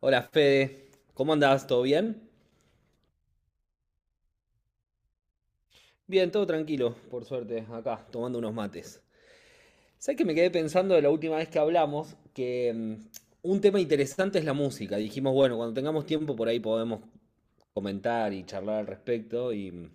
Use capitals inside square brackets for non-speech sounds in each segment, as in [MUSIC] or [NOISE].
Hola Fede, ¿cómo andás? ¿Todo bien? Bien, todo tranquilo, por suerte, acá, tomando unos mates. ¿Sabes que me quedé pensando de la última vez que hablamos que un tema interesante es la música? Dijimos, bueno, cuando tengamos tiempo por ahí podemos comentar y charlar al respecto y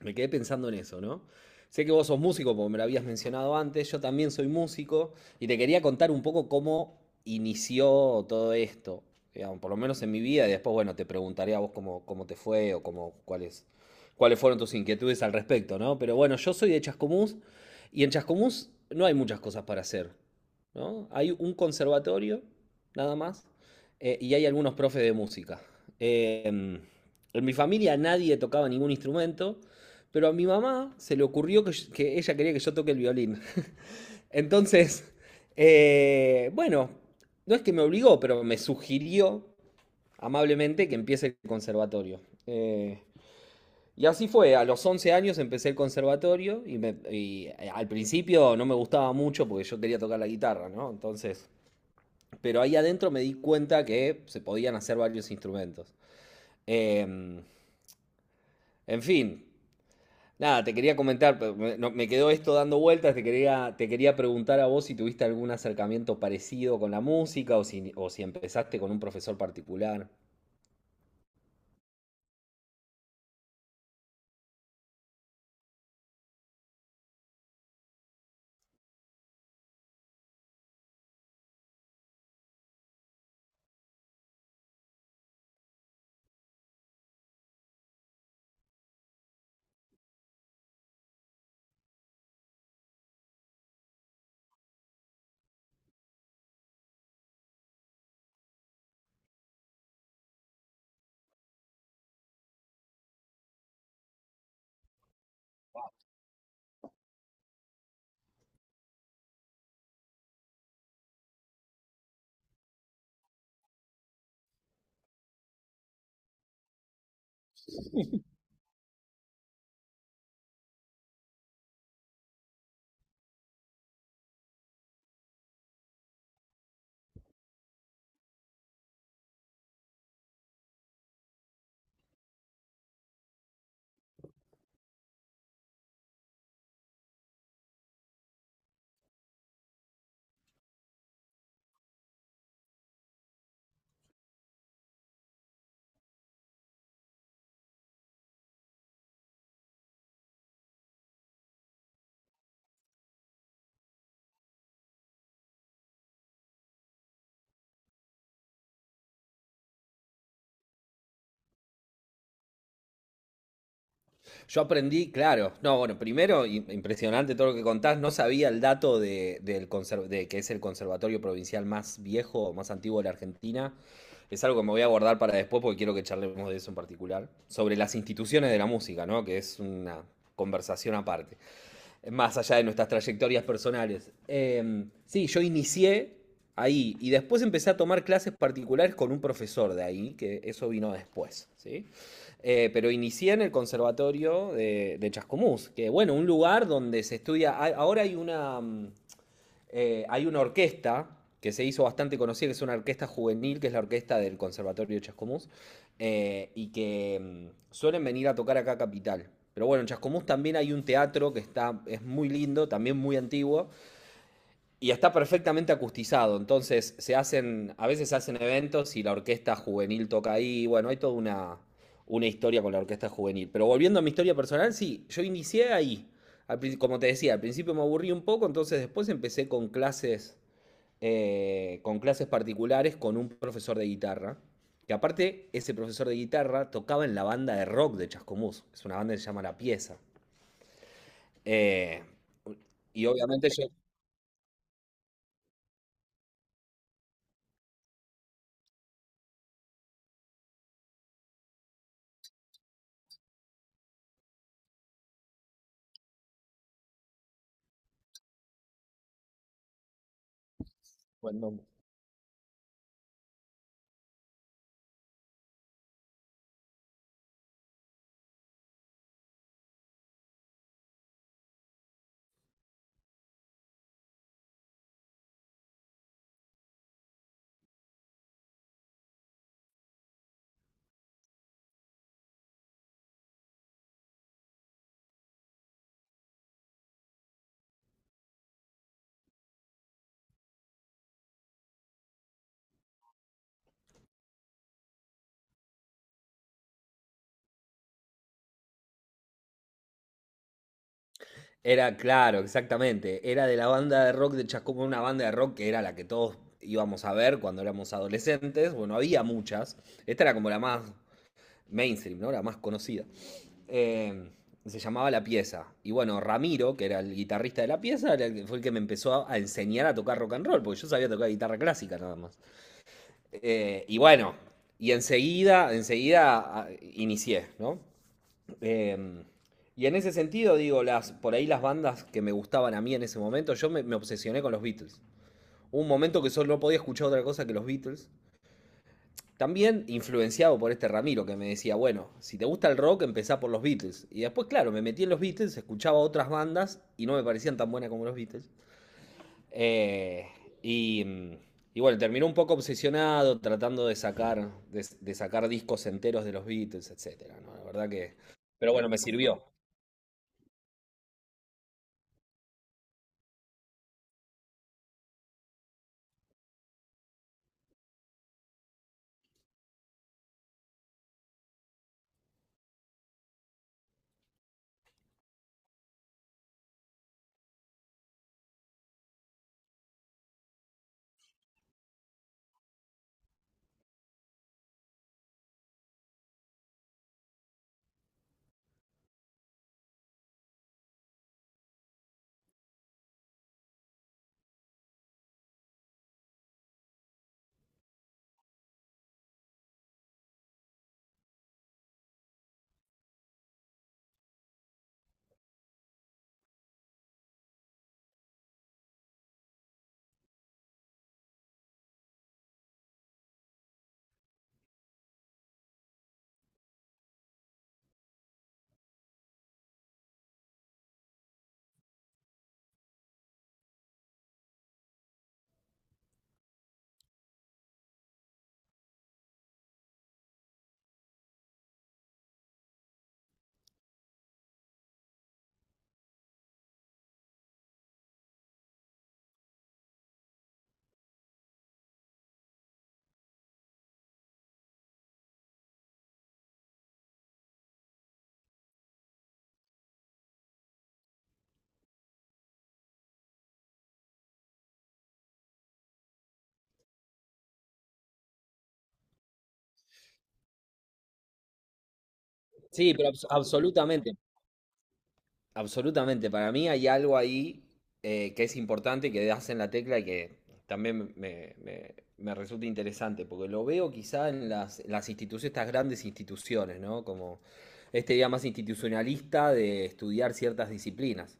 me quedé pensando en eso, ¿no? Sé que vos sos músico, porque me lo habías mencionado antes, yo también soy músico, y te quería contar un poco cómo inició todo esto, digamos, por lo menos en mi vida, y después, bueno, te preguntaré a vos cómo, cómo te fue o cómo, cuáles, cuáles fueron tus inquietudes al respecto, ¿no? Pero bueno, yo soy de Chascomús, y en Chascomús no hay muchas cosas para hacer, ¿no? Hay un conservatorio, nada más, y hay algunos profes de música. En mi familia nadie tocaba ningún instrumento, pero a mi mamá se le ocurrió que ella quería que yo toque el violín. [LAUGHS] Entonces, bueno, no es que me obligó, pero me sugirió amablemente que empiece el conservatorio. Eh, y así fue, a los 11 años empecé el conservatorio y al principio no me gustaba mucho porque yo quería tocar la guitarra, ¿no? Entonces, pero ahí adentro me di cuenta que se podían hacer varios instrumentos. Em, en fin, nada, te quería comentar, pero me, no- me quedó esto dando vueltas, te quería preguntar a vos si tuviste algún acercamiento parecido con la música o si empezaste con un profesor particular. Yo aprendí, claro, no, bueno, primero, impresionante todo lo que contás, no sabía el dato de que es el conservatorio provincial más viejo, más antiguo de la Argentina. Es algo que me voy a guardar para después porque quiero que charlemos de eso en particular. Sobre las instituciones de la música, ¿no? Que es una conversación aparte, más allá de nuestras trayectorias personales. Sí, yo inicié ahí y después empecé a tomar clases particulares con un profesor de ahí, que eso vino después, ¿sí? Pero inicié en el conservatorio de Chascomús, que bueno, un lugar donde se estudia, ahora hay una, hay una orquesta que se hizo bastante conocida, que es una orquesta juvenil, que es la orquesta del Conservatorio Chascomús, y que suelen venir a tocar acá a Capital. Pero bueno, en Chascomús también hay un teatro que está, es muy lindo, también muy antiguo, y está perfectamente acustizado, entonces se hacen, a veces se hacen eventos y la orquesta juvenil toca ahí, bueno, hay toda una historia con la orquesta juvenil. Pero volviendo a mi historia personal, sí, yo inicié ahí. Como te decía, al principio me aburrí un poco, entonces después empecé con clases particulares con un profesor de guitarra, que aparte ese profesor de guitarra tocaba en la banda de rock de Chascomús, es una banda que se llama La Pieza. Eh, y obviamente yo, bueno, era, claro, exactamente. Era de la banda de rock de Chascomús, una banda de rock que era la que todos íbamos a ver cuando éramos adolescentes. Bueno, había muchas. Esta era como la más mainstream, ¿no? La más conocida. Eh, Se llamaba La Pieza. Y bueno, Ramiro, que era el guitarrista de La Pieza, era fue el que me empezó a enseñar a tocar rock and roll, porque yo sabía tocar guitarra clásica nada más. Y bueno, enseguida inicié, ¿no? Eh, y en ese sentido, digo, las, por ahí las bandas que me gustaban a mí en ese momento, me obsesioné con los Beatles. Hubo un momento que solo no podía escuchar otra cosa que los Beatles. También influenciado por este Ramiro que me decía, bueno, si te gusta el rock, empezá por los Beatles. Y después, claro, me metí en los Beatles, escuchaba otras bandas y no me parecían tan buenas como los Beatles. Eh, y, y bueno, terminó un poco obsesionado tratando de sacar, de sacar discos enteros de los Beatles, etcétera, ¿no? La verdad que... Pero bueno, me sirvió. Sí, pero absolutamente, absolutamente. Para mí hay algo ahí que es importante, que das en la tecla y que también me resulta interesante, porque lo veo quizá en las instituciones, estas grandes instituciones, ¿no? Como este día más institucionalista de estudiar ciertas disciplinas,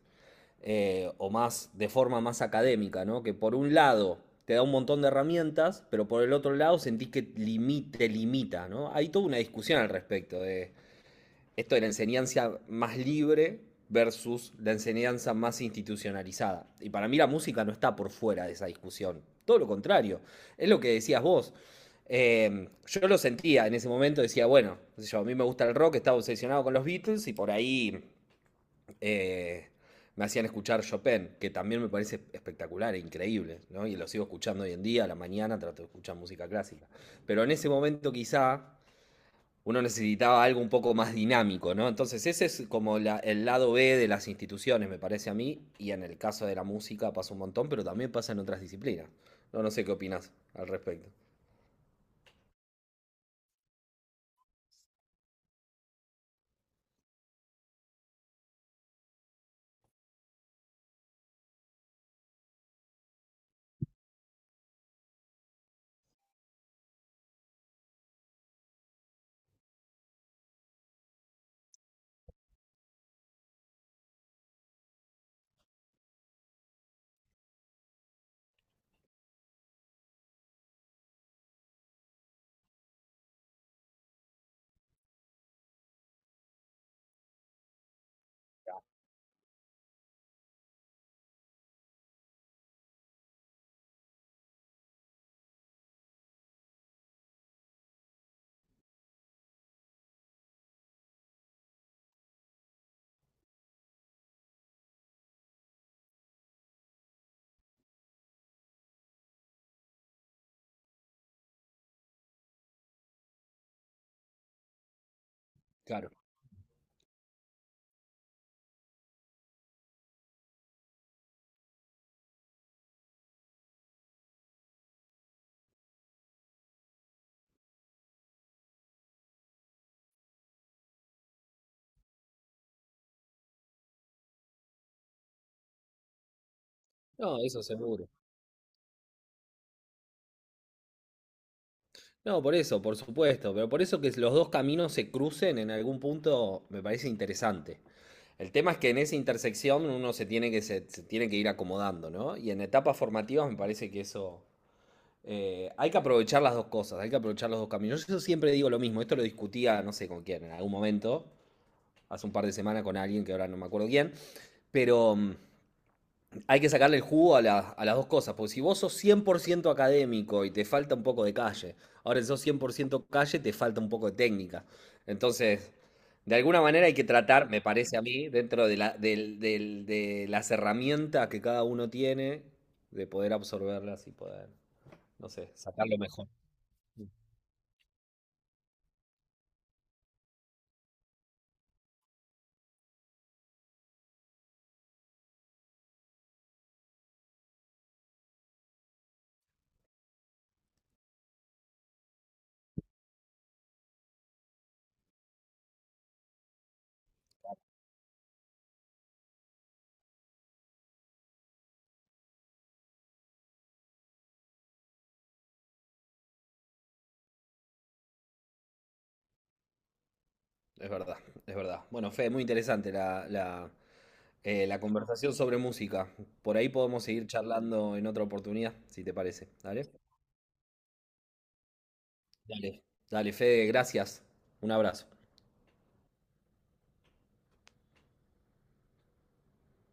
o más de forma más académica, ¿no? Que por un lado te da un montón de herramientas, pero por el otro lado sentís que te limita, ¿no? Hay toda una discusión al respecto de esto de la enseñanza más libre versus la enseñanza más institucionalizada. Y para mí la música no está por fuera de esa discusión. Todo lo contrario. Es lo que decías vos. Yo lo sentía en ese momento, decía, bueno, no sé yo, a mí me gusta el rock, estaba obsesionado con los Beatles y por ahí eh, me hacían escuchar Chopin, que también me parece espectacular e increíble, ¿no? Y lo sigo escuchando hoy en día, a la mañana trato de escuchar música clásica. Pero en ese momento quizá uno necesitaba algo un poco más dinámico, ¿no? Entonces ese es como el lado B de las instituciones, me parece a mí, y en el caso de la música pasa un montón, pero también pasa en otras disciplinas. No, no sé qué opinas al respecto. Claro. No, eso seguro. No, por eso, por supuesto, pero por eso que los dos caminos se crucen en algún punto me parece interesante. El tema es que en esa intersección uno se tiene que, se tiene que ir acomodando, ¿no? Y en etapas formativas me parece que eso, hay que aprovechar las dos cosas, hay que aprovechar los dos caminos. Yo siempre digo lo mismo, esto lo discutía, no sé con quién, en algún momento, hace un par de semanas con alguien que ahora no me acuerdo quién, pero hay que sacarle el jugo a, a las dos cosas, porque si vos sos 100% académico y te falta un poco de calle, ahora si sos 100% calle te falta un poco de técnica. Entonces, de alguna manera hay que tratar, me parece a mí, dentro de, de las herramientas que cada uno tiene, de poder absorberlas y poder, no sé, sacarlo mejor. Es verdad, es verdad. Bueno, Fe, muy interesante la conversación sobre música. Por ahí podemos seguir charlando en otra oportunidad, si te parece. Dale, dale, dale, Fede, gracias. Un abrazo.